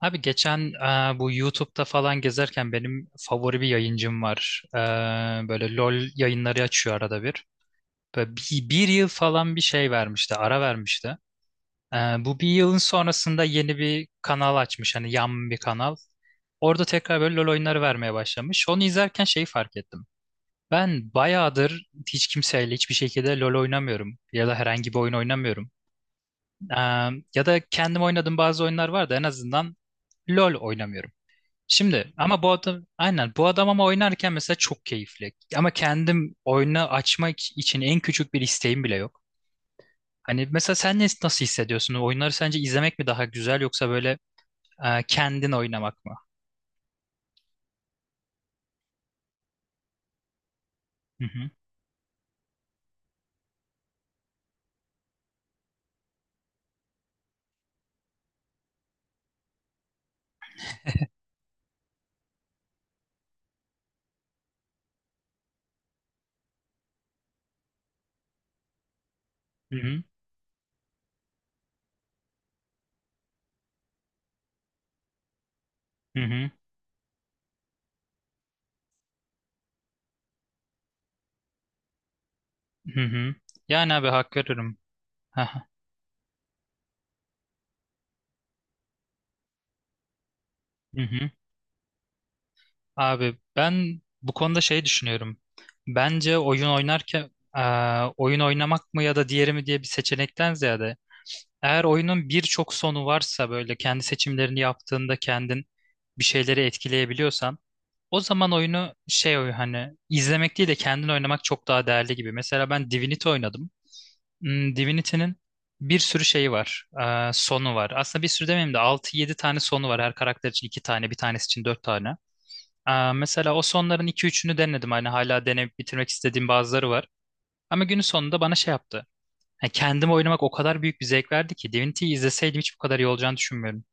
Abi geçen bu YouTube'da falan gezerken benim favori bir yayıncım var. Böyle LOL yayınları açıyor arada bir. Böyle bir yıl falan bir şey vermişti, ara vermişti. E, Bu bir yılın sonrasında yeni bir kanal açmış, hani yan bir kanal. Orada tekrar böyle LOL oyunları vermeye başlamış. Onu izlerken şeyi fark ettim. Ben bayağıdır hiç kimseyle hiçbir şekilde LOL oynamıyorum ya da herhangi bir oyun oynamıyorum. E, Ya da kendim oynadığım bazı oyunlar var da en azından LOL oynamıyorum. Şimdi ama bu adam aynen bu adam ama oynarken mesela çok keyifli. Ama kendim oyunu açmak için en küçük bir isteğim bile yok. Hani mesela sen nasıl hissediyorsun? Oyunları sence izlemek mi daha güzel yoksa böyle kendin oynamak mı? Hı hı. Hı hı. Hı hı. Hı hı. Yani abi hak veririm. Aha. Hı hı. Abi ben bu konuda şey düşünüyorum. Bence oyun oynarken e, oyun oynamak mı ya da diğeri mi diye bir seçenekten ziyade eğer oyunun birçok sonu varsa böyle kendi seçimlerini yaptığında kendin bir şeyleri etkileyebiliyorsan o zaman oyunu hani izlemek değil de kendin oynamak çok daha değerli gibi. Mesela ben Divinity oynadım. Hmm, Divinity'nin bir sürü şeyi var. Sonu var. Aslında bir sürü demeyeyim de altı yedi tane sonu var. Her karakter için 2 tane, bir tanesi için 4 tane. Mesela o sonların iki üçünü denedim. Hani hala deneyip bitirmek istediğim bazıları var. Ama günün sonunda bana şey yaptı. Yani kendim oynamak o kadar büyük bir zevk verdi ki Divinity'yi izleseydim hiç bu kadar iyi olacağını düşünmüyorum.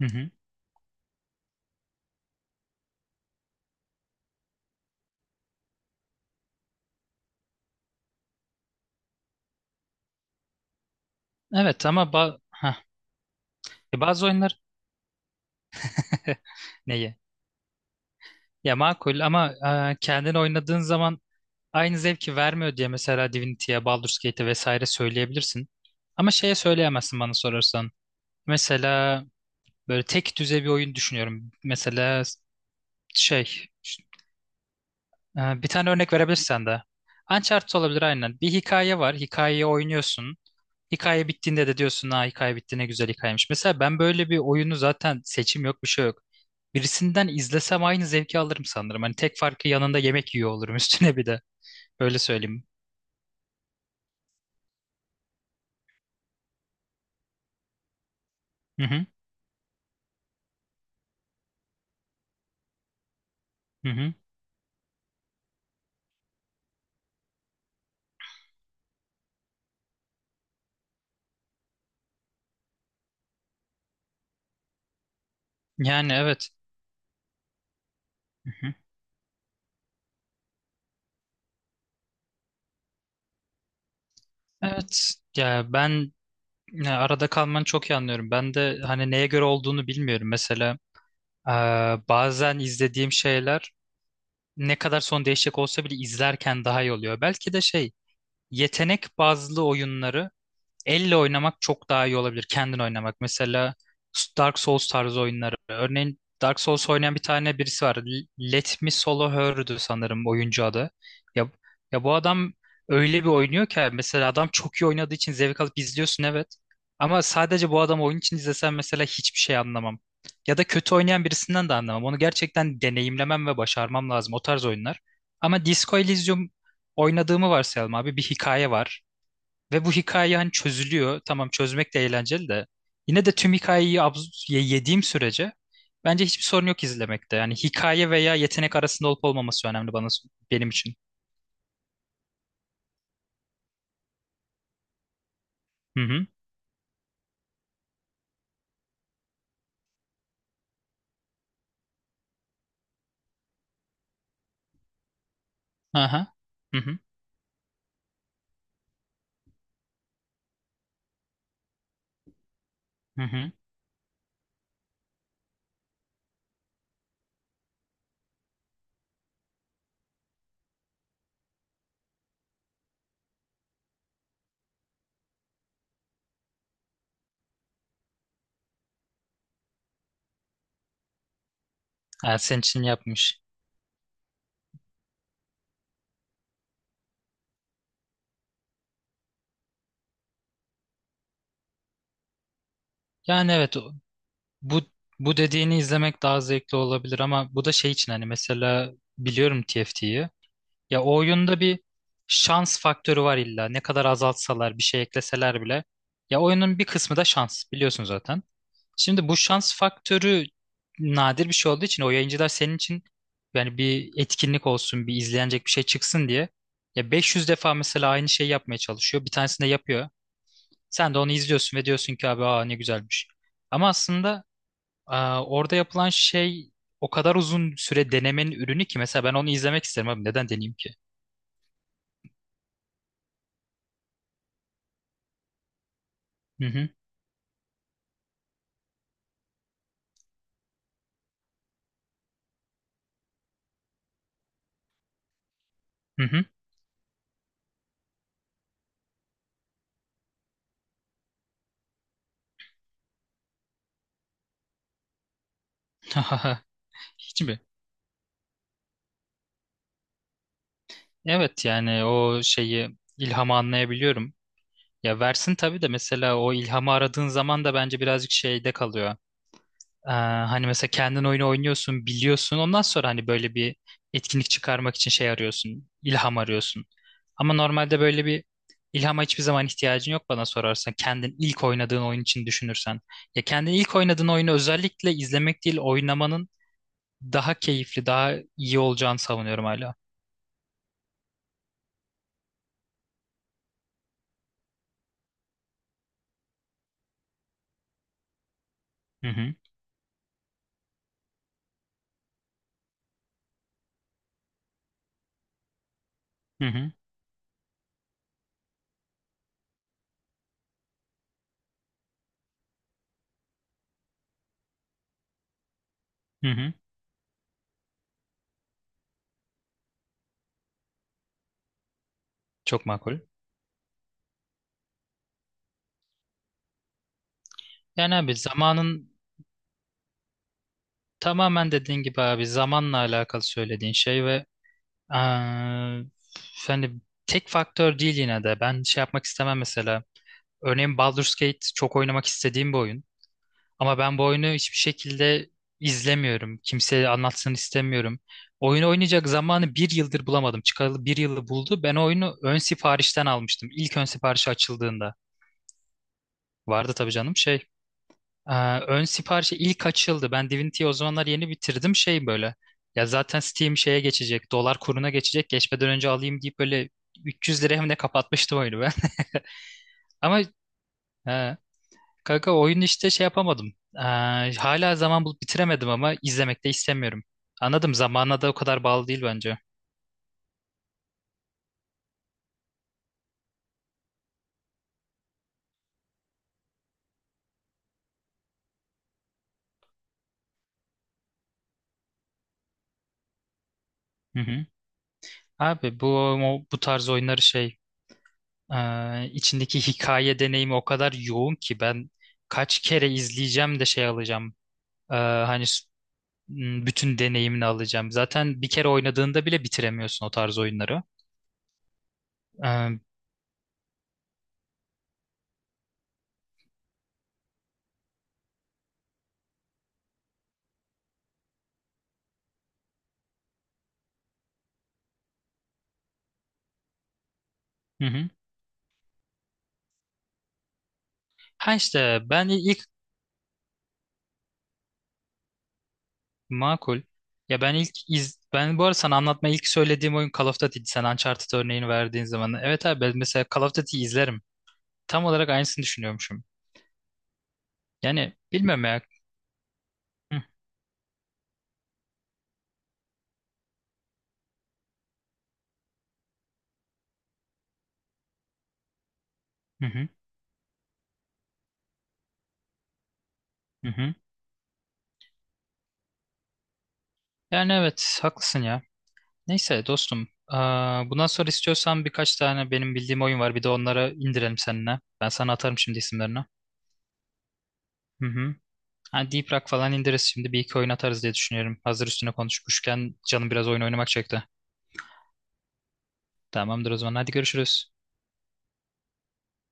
Hı hı. Evet ama hah. Bazı oyunlar neyi? Ya makul ama kendin oynadığın zaman aynı zevki vermiyor diye mesela Divinity'ye, Baldur's Gate'e vesaire söyleyebilirsin. Ama şeye söyleyemezsin bana sorarsan. Mesela böyle tek düze bir oyun düşünüyorum. Mesela şey bir tane örnek verebilirsen de. Uncharted olabilir aynen. Bir hikaye var. Hikayeyi oynuyorsun. Hikaye bittiğinde de diyorsun ha hikaye bitti ne güzel hikayemiş. Mesela ben böyle bir oyunu zaten seçim yok bir şey yok. Birisinden izlesem aynı zevki alırım sanırım. Hani tek farkı yanında yemek yiyor olurum üstüne bir de. Öyle söyleyeyim. Hı hı, hı hı. Yani evet. Hı hı. Evet. Ya ben Ya arada kalmanı çok iyi anlıyorum. Ben de hani neye göre olduğunu bilmiyorum. Mesela eee, bazen izlediğim şeyler ne kadar son değişecek olsa bile izlerken daha iyi oluyor. Belki de yetenek bazlı oyunları elle oynamak çok daha iyi olabilir. Kendin oynamak. Mesela Dark Souls tarzı oyunları. Örneğin Dark Souls oynayan bir tane birisi var. Let Me Solo Her'dü sanırım oyuncu adı. Ya, ya bu adam öyle bir oynuyor ki mesela adam çok iyi oynadığı için zevk alıp izliyorsun evet. Ama sadece bu adam oyun için izlesen mesela hiçbir şey anlamam. Ya da kötü oynayan birisinden de anlamam. Onu gerçekten deneyimlemem ve başarmam lazım o tarz oyunlar. Ama Disco Elysium oynadığımı varsayalım abi. Bir hikaye var. Ve bu hikaye hani çözülüyor. Tamam çözmek de eğlenceli de. Yine de tüm hikayeyi yediğim sürece bence hiçbir sorun yok izlemekte. Yani hikaye veya yetenek arasında olup olmaması önemli benim için. Hı hı. Aha. Hı hı. Hı hı. Ha, senin için yapmış. Yani evet o- Bu bu dediğini izlemek daha zevkli olabilir ama bu da şey için hani mesela biliyorum TFT'yi. Ya o oyunda bir şans faktörü var illa. Ne kadar azaltsalar bir şey ekleseler bile. Ya oyunun bir kısmı da şans biliyorsun zaten. Şimdi bu şans faktörü nadir bir şey olduğu için o yayıncılar senin için yani bir etkinlik olsun, bir izlenecek bir şey çıksın diye ya 500 defa mesela aynı şeyi yapmaya çalışıyor. Bir tanesini de yapıyor. Sen de onu izliyorsun ve diyorsun ki abi aa ne güzelmiş. Ama aslında orada yapılan şey o kadar uzun süre denemenin ürünü ki mesela ben onu izlemek isterim abi neden deneyeyim ki? Hı hı hı hı. Hiç mi? Evet yani o ilhamı anlayabiliyorum. Ya versin tabii de mesela o ilhamı aradığın zaman da bence birazcık şeyde kalıyor. Hani mesela kendin oyunu oynuyorsun, biliyorsun. Ondan sonra hani böyle bir etkinlik çıkarmak için şey arıyorsun, ilham arıyorsun. Ama normalde böyle bir ilhama hiçbir zaman ihtiyacın yok bana sorarsan. Kendin ilk oynadığın oyun için düşünürsen. Ya kendin ilk oynadığın oyunu özellikle izlemek değil, oynamanın daha keyifli, daha iyi olacağını savunuyorum hala. Hı hı, hı hı, hı hı. Çok makul. Yani abi zamanın Tamamen dediğin gibi abi zamanla alakalı söylediğin şey ve eee, hani tek faktör değil yine de. Ben şey yapmak istemem mesela. Örneğin Baldur's Gate çok oynamak istediğim bir oyun. Ama ben bu oyunu hiçbir şekilde izlemiyorum. Kimseye anlatsın istemiyorum. Oyunu oynayacak zamanı bir yıldır bulamadım. Çıkalı bir yılı buldu. Ben o oyunu ön siparişten almıştım. İlk ön siparişi açıldığında. Vardı tabii canım şey. Ee, Ön siparişi ilk açıldı. Ben Divinity'yi o zamanlar yeni bitirdim şey böyle. Ya zaten Steam şeye geçecek, dolar kuruna geçecek. Geçmeden önce alayım deyip böyle 300 liraya mı ne kapatmıştım oyunu ben. Ama e, kanka oyun işte şey yapamadım. Hala zaman bulup bitiremedim ama izlemek de istemiyorum. Anladım zamana da o kadar bağlı değil bence. Hı hı. Abi bu tarz oyunları içindeki hikaye deneyimi o kadar yoğun ki ben kaç kere izleyeceğim de şey alacağım. E, hani s- bütün deneyimini alacağım. Zaten bir kere oynadığında bile bitiremiyorsun o tarz oyunları. E, hı hı. Ha işte ben ilk Makul. Ya ben ilk iz Ben bu arada sana anlatma ilk söylediğim oyun Call of Duty'di. Sen Uncharted örneğini verdiğin zaman. Evet abi ben mesela Call of Duty'yi izlerim. Tam olarak aynısını düşünüyormuşum. Yani bilmiyorum ya. Hı hı hı. Hı. Yani evet haklısın ya. Neyse dostum. Aa, bundan sonra istiyorsan birkaç tane benim bildiğim oyun var. Bir de onlara indirelim seninle. Ben sana atarım şimdi isimlerini. Hı hı. Ha, Deep Rock falan indiririz şimdi. Bir iki oyun atarız diye düşünüyorum. Hazır üstüne konuşmuşken canım biraz oyun oynamak çekti. Tamamdır o zaman. Hadi görüşürüz.